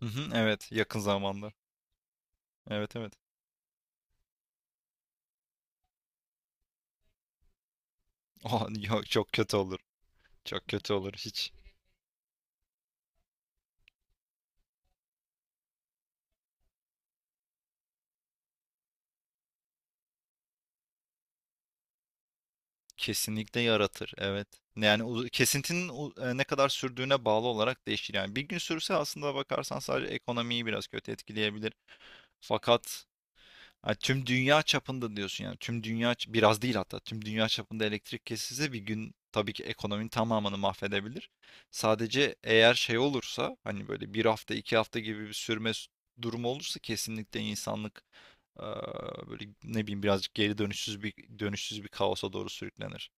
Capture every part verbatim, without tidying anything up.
Hı hı, evet yakın zamanda. Evet evet. Oh, yok çok kötü olur. Çok kötü olur hiç. Kesinlikle yaratır evet. Yani uz- kesintinin u- e, ne kadar sürdüğüne bağlı olarak değişir. Yani bir gün sürse aslında bakarsan sadece ekonomiyi biraz kötü etkileyebilir. Fakat ha, tüm dünya çapında diyorsun yani. Tüm dünya ç- biraz değil hatta. Tüm dünya çapında elektrik kesilse bir gün tabii ki ekonominin tamamını mahvedebilir. Sadece eğer şey olursa hani böyle bir hafta iki hafta gibi bir sürme s- durumu olursa kesinlikle insanlık eee, böyle ne bileyim birazcık geri dönüşsüz bir dönüşsüz bir kaosa doğru sürüklenir.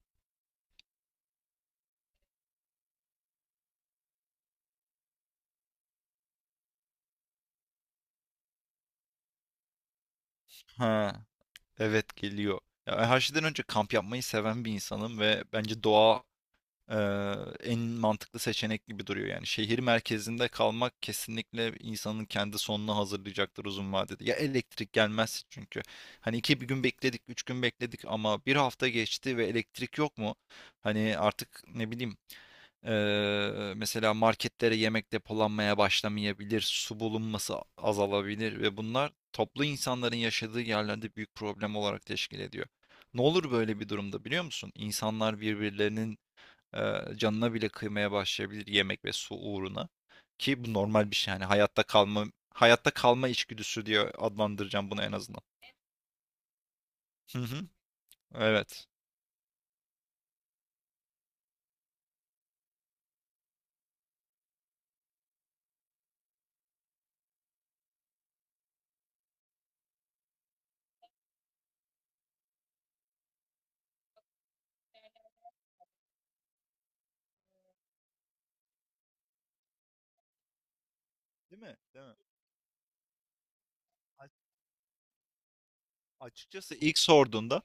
Ha, evet geliyor. Ya ben her şeyden önce kamp yapmayı seven bir insanım ve bence doğa Eee, en mantıklı seçenek gibi duruyor yani. Şehir merkezinde kalmak kesinlikle insanın kendi sonunu hazırlayacaktır uzun vadede. Ya elektrik gelmez çünkü. Hani iki bir gün bekledik, üç gün bekledik ama bir hafta geçti ve elektrik yok mu? Hani artık ne bileyim eee, mesela marketlere yemek depolanmaya başlamayabilir, su bulunması azalabilir ve bunlar toplu insanların yaşadığı yerlerde büyük problem olarak teşkil ediyor. Ne olur böyle bir durumda biliyor musun? İnsanlar birbirlerinin e, canına bile kıymaya başlayabilir yemek ve su uğruna. Ki bu normal bir şey yani hayatta kalma hayatta kalma içgüdüsü diye adlandıracağım bunu en azından. Hı hı. Evet. Değil mi? Değil mi? A- Açıkçası ilk sorduğunda,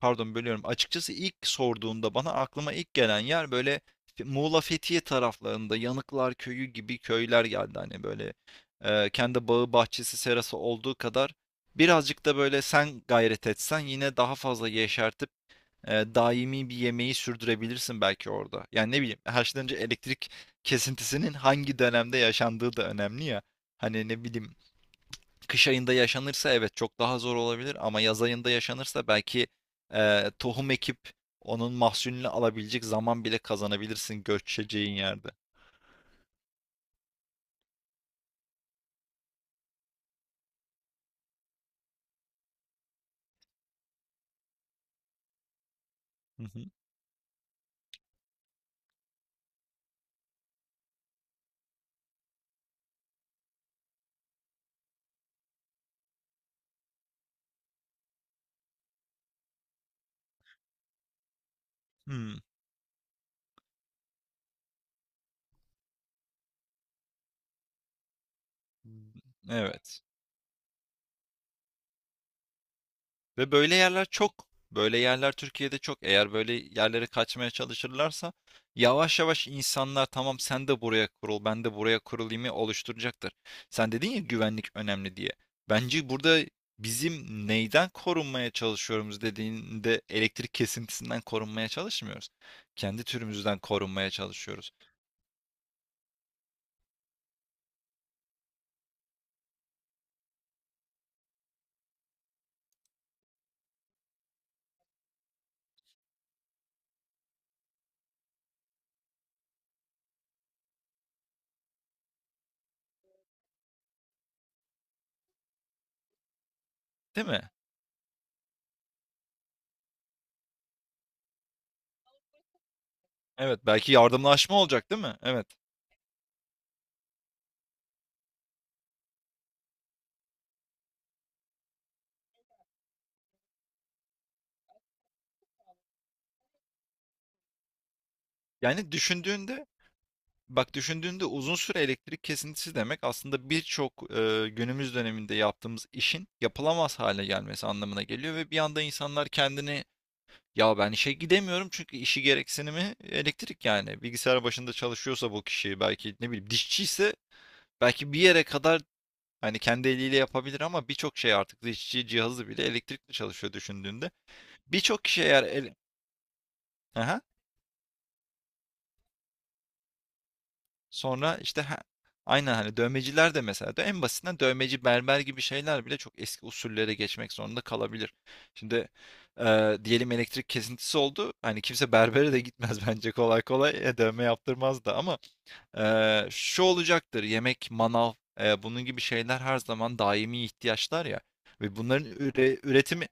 pardon bölüyorum. Açıkçası ilk sorduğunda bana aklıma ilk gelen yer böyle Fe- Muğla Fethiye taraflarında Yanıklar Köyü gibi köyler geldi hani böyle e, kendi bağı bahçesi serası olduğu kadar birazcık da böyle sen gayret etsen yine daha fazla yeşertir, e, daimi bir yemeği sürdürebilirsin belki orada. Yani ne bileyim haşlanınca elektrik kesintisinin hangi dönemde yaşandığı da önemli ya. Hani ne bileyim kış ayında yaşanırsa evet çok daha zor olabilir ama yaz ayında yaşanırsa belki e, tohum ekip onun mahsulünü alabilecek zaman bile kazanabilirsin göçeceğin yerde. Hı hı. Hmm. Evet. Ve böyle yerler çok. Böyle yerler Türkiye'de çok. Eğer böyle yerlere kaçmaya çalışırlarsa yavaş yavaş insanlar tamam sen de buraya kurul, ben de buraya kurulayımı oluşturacaktır. Sen dedin ya güvenlik önemli diye. Bence burada bizim neyden korunmaya çalışıyoruz dediğinde elektrik kesintisinden korunmaya çalışmıyoruz. Kendi türümüzden korunmaya çalışıyoruz. Değil mi? Evet, belki yardımlaşma olacak, değil mi? Evet. Yani düşündüğünde Bak düşündüğünde uzun süre elektrik kesintisi demek aslında birçok e, günümüz döneminde yaptığımız işin yapılamaz hale gelmesi anlamına geliyor ve bir anda insanlar kendini, ya ben işe gidemiyorum çünkü işi gereksinimi elektrik yani bilgisayar başında çalışıyorsa bu kişi, belki ne bileyim dişçi ise belki bir yere kadar hani kendi eliyle yapabilir ama birçok şey artık dişçi cihazı bile elektrikle çalışıyor düşündüğünde. Birçok kişi eğer el... Sonra işte he aynen, hani, dövmeciler de mesela de en basitinden dövmeci, berber gibi şeyler bile çok eski usullere geçmek zorunda kalabilir. Şimdi, eee, diyelim elektrik kesintisi oldu. Hani, kimse berbere de gitmez bence kolay kolay. E, dövme yaptırmaz da ama, eee, şu olacaktır: yemek, manav, eee, bunun gibi şeyler her zaman daimi ihtiyaçlar ya, ve bunların üre üretimi.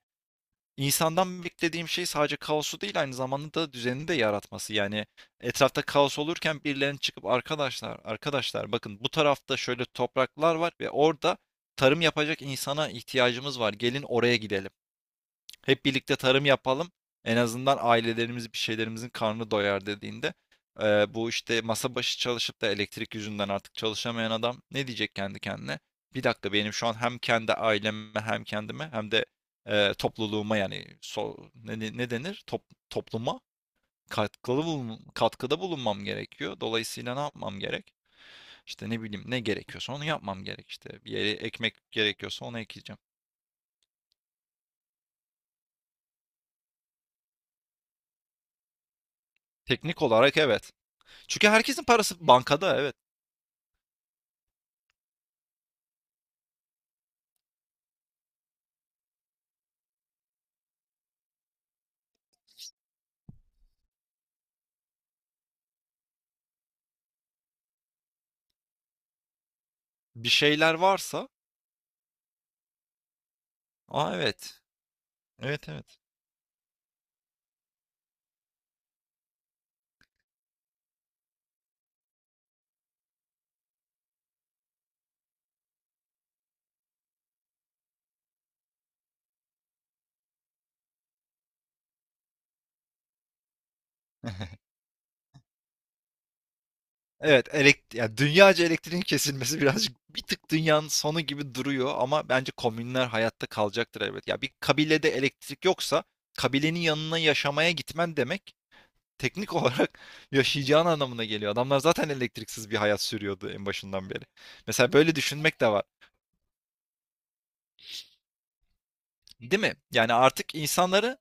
İnsandan beklediğim şey sadece kaosu değil aynı zamanda da düzeni de yaratması. Yani etrafta kaos olurken birilerinin çıkıp, arkadaşlar arkadaşlar bakın bu tarafta şöyle topraklar var ve orada tarım yapacak insana ihtiyacımız var. Gelin oraya gidelim. Hep birlikte tarım yapalım. En azından ailelerimiz bir şeylerimizin karnı doyar dediğinde, eee, bu işte masa başı çalışıp da elektrik yüzünden artık çalışamayan adam ne diyecek kendi kendine? Bir dakika, benim şu an hem kendi aileme hem kendime hem de eee, topluluğuma, yani so, ne, ne ne denir? Top, topluma katkılı bulun, katkıda bulunmam gerekiyor. Dolayısıyla ne yapmam gerek? İşte ne bileyim ne gerekiyorsa onu yapmam gerek işte. Bir yere ekmek gerekiyorsa onu ekeceğim. Teknik olarak evet. Çünkü herkesin parası bankada, evet. Bir şeyler varsa. Aa evet. Evet evet. Evet, elekt ya dünyaca elektriğin kesilmesi birazcık bir tık dünyanın sonu gibi duruyor ama bence komünler hayatta kalacaktır elbet. Ya bir kabilede elektrik yoksa kabilenin yanına yaşamaya gitmen demek teknik olarak yaşayacağın anlamına geliyor. Adamlar zaten elektriksiz bir hayat sürüyordu en başından beri. Mesela böyle düşünmek de var. Değil mi? Yani artık insanları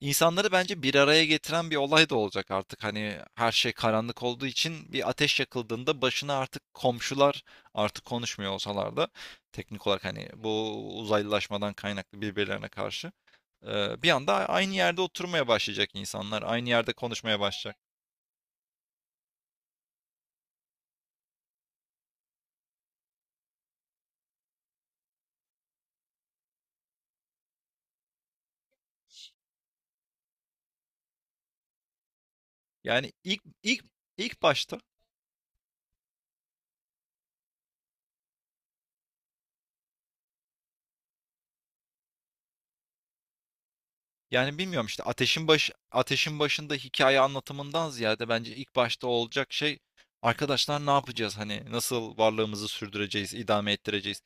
İnsanları bence bir araya getiren bir olay da olacak artık. Hani her şey karanlık olduğu için bir ateş yakıldığında başına artık komşular, artık konuşmuyor olsalar da teknik olarak hani bu uzaylılaşmadan kaynaklı birbirlerine karşı, e, bir anda aynı yerde oturmaya başlayacak insanlar, aynı yerde konuşmaya başlayacak. Yani ilk ilk ilk başta. Yani bilmiyorum işte ateşin baş ateşin başında hikaye anlatımından ziyade bence ilk başta olacak şey, arkadaşlar ne yapacağız hani nasıl varlığımızı sürdüreceğiz, idame ettireceğiz.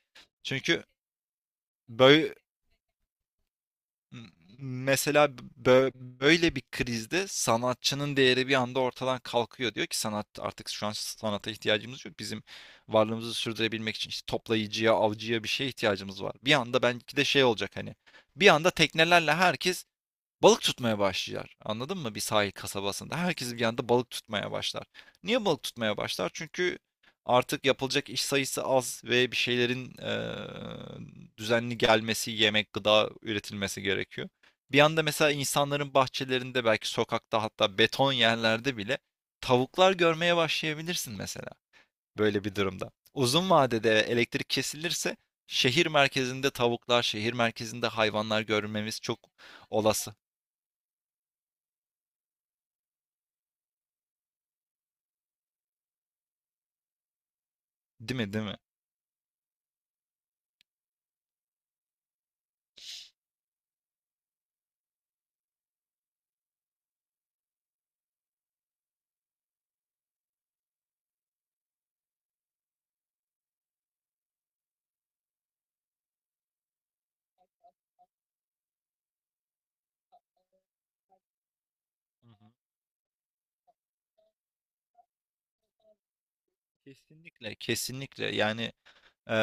Çünkü böyle, mesela bö- böyle bir krizde sanatçının değeri bir anda ortadan kalkıyor. Diyor ki sanat, artık şu an sanata ihtiyacımız yok. Bizim varlığımızı sürdürebilmek için işte toplayıcıya, avcıya, bir şeye ihtiyacımız var. Bir anda belki de şey olacak hani. Bir anda teknelerle herkes balık tutmaya başlar. Anladın mı? Bir sahil kasabasında. Herkes bir anda balık tutmaya başlar. Niye balık tutmaya başlar? Çünkü artık yapılacak iş sayısı az ve bir şeylerin eee, düzenli gelmesi, yemek, gıda üretilmesi gerekiyor. Bir anda mesela insanların bahçelerinde, belki sokakta, hatta beton yerlerde bile tavuklar görmeye başlayabilirsin mesela böyle bir durumda. Uzun vadede elektrik kesilirse şehir merkezinde tavuklar, şehir merkezinde hayvanlar görmemiz çok olası. Değil mi, değil mi? Hı hı. Kesinlikle, kesinlikle. Yani, e,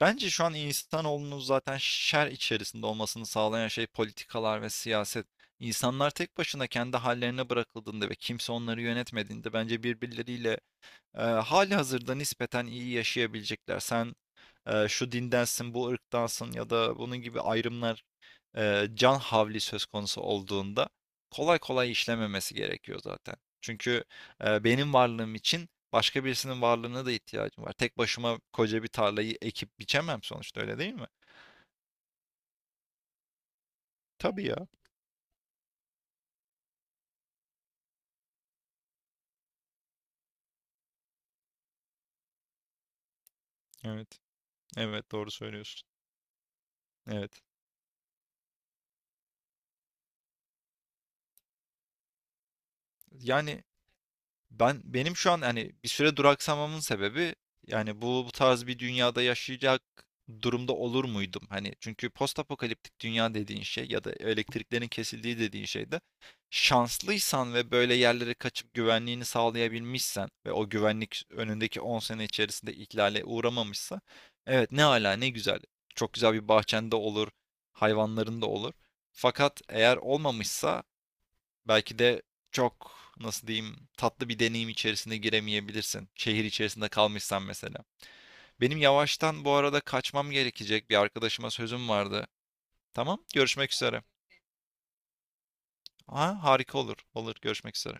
bence şu an insanoğlunun zaten şer içerisinde olmasını sağlayan şey politikalar ve siyaset. İnsanlar tek başına kendi hallerine bırakıldığında ve kimse onları yönetmediğinde bence birbirleriyle, e, hali hazırda nispeten iyi yaşayabilecekler. Sen e, şu dindensin, bu ırktansın ya da bunun gibi ayrımlar, eee, can havli söz konusu olduğunda kolay kolay işlememesi gerekiyor zaten. Çünkü eee, benim varlığım için başka birisinin varlığına da ihtiyacım var. Tek başıma koca bir tarlayı ekip biçemem sonuçta, öyle değil mi? Tabii ya. Evet. Evet, doğru söylüyorsun. Evet. Yani Ben benim şu an, hani bir süre duraksamamın sebebi, yani bu, bu tarz bir dünyada yaşayacak durumda olur muydum? Hani çünkü postapokaliptik dünya dediğin şey ya da elektriklerin kesildiği dediğin şeyde, şanslıysan ve böyle yerlere kaçıp güvenliğini sağlayabilmişsen ve o güvenlik önündeki on sene içerisinde ihlale uğramamışsa, evet ne ala ne güzel. Çok güzel bir bahçende olur, hayvanların da olur. Fakat eğer olmamışsa, belki de çok, nasıl diyeyim, tatlı bir deneyim içerisine giremeyebilirsin. Şehir içerisinde kalmışsan mesela. Benim yavaştan bu arada kaçmam gerekecek. Bir arkadaşıma sözüm vardı. Tamam, görüşmek üzere. Ha, harika olur. Olur, görüşmek üzere.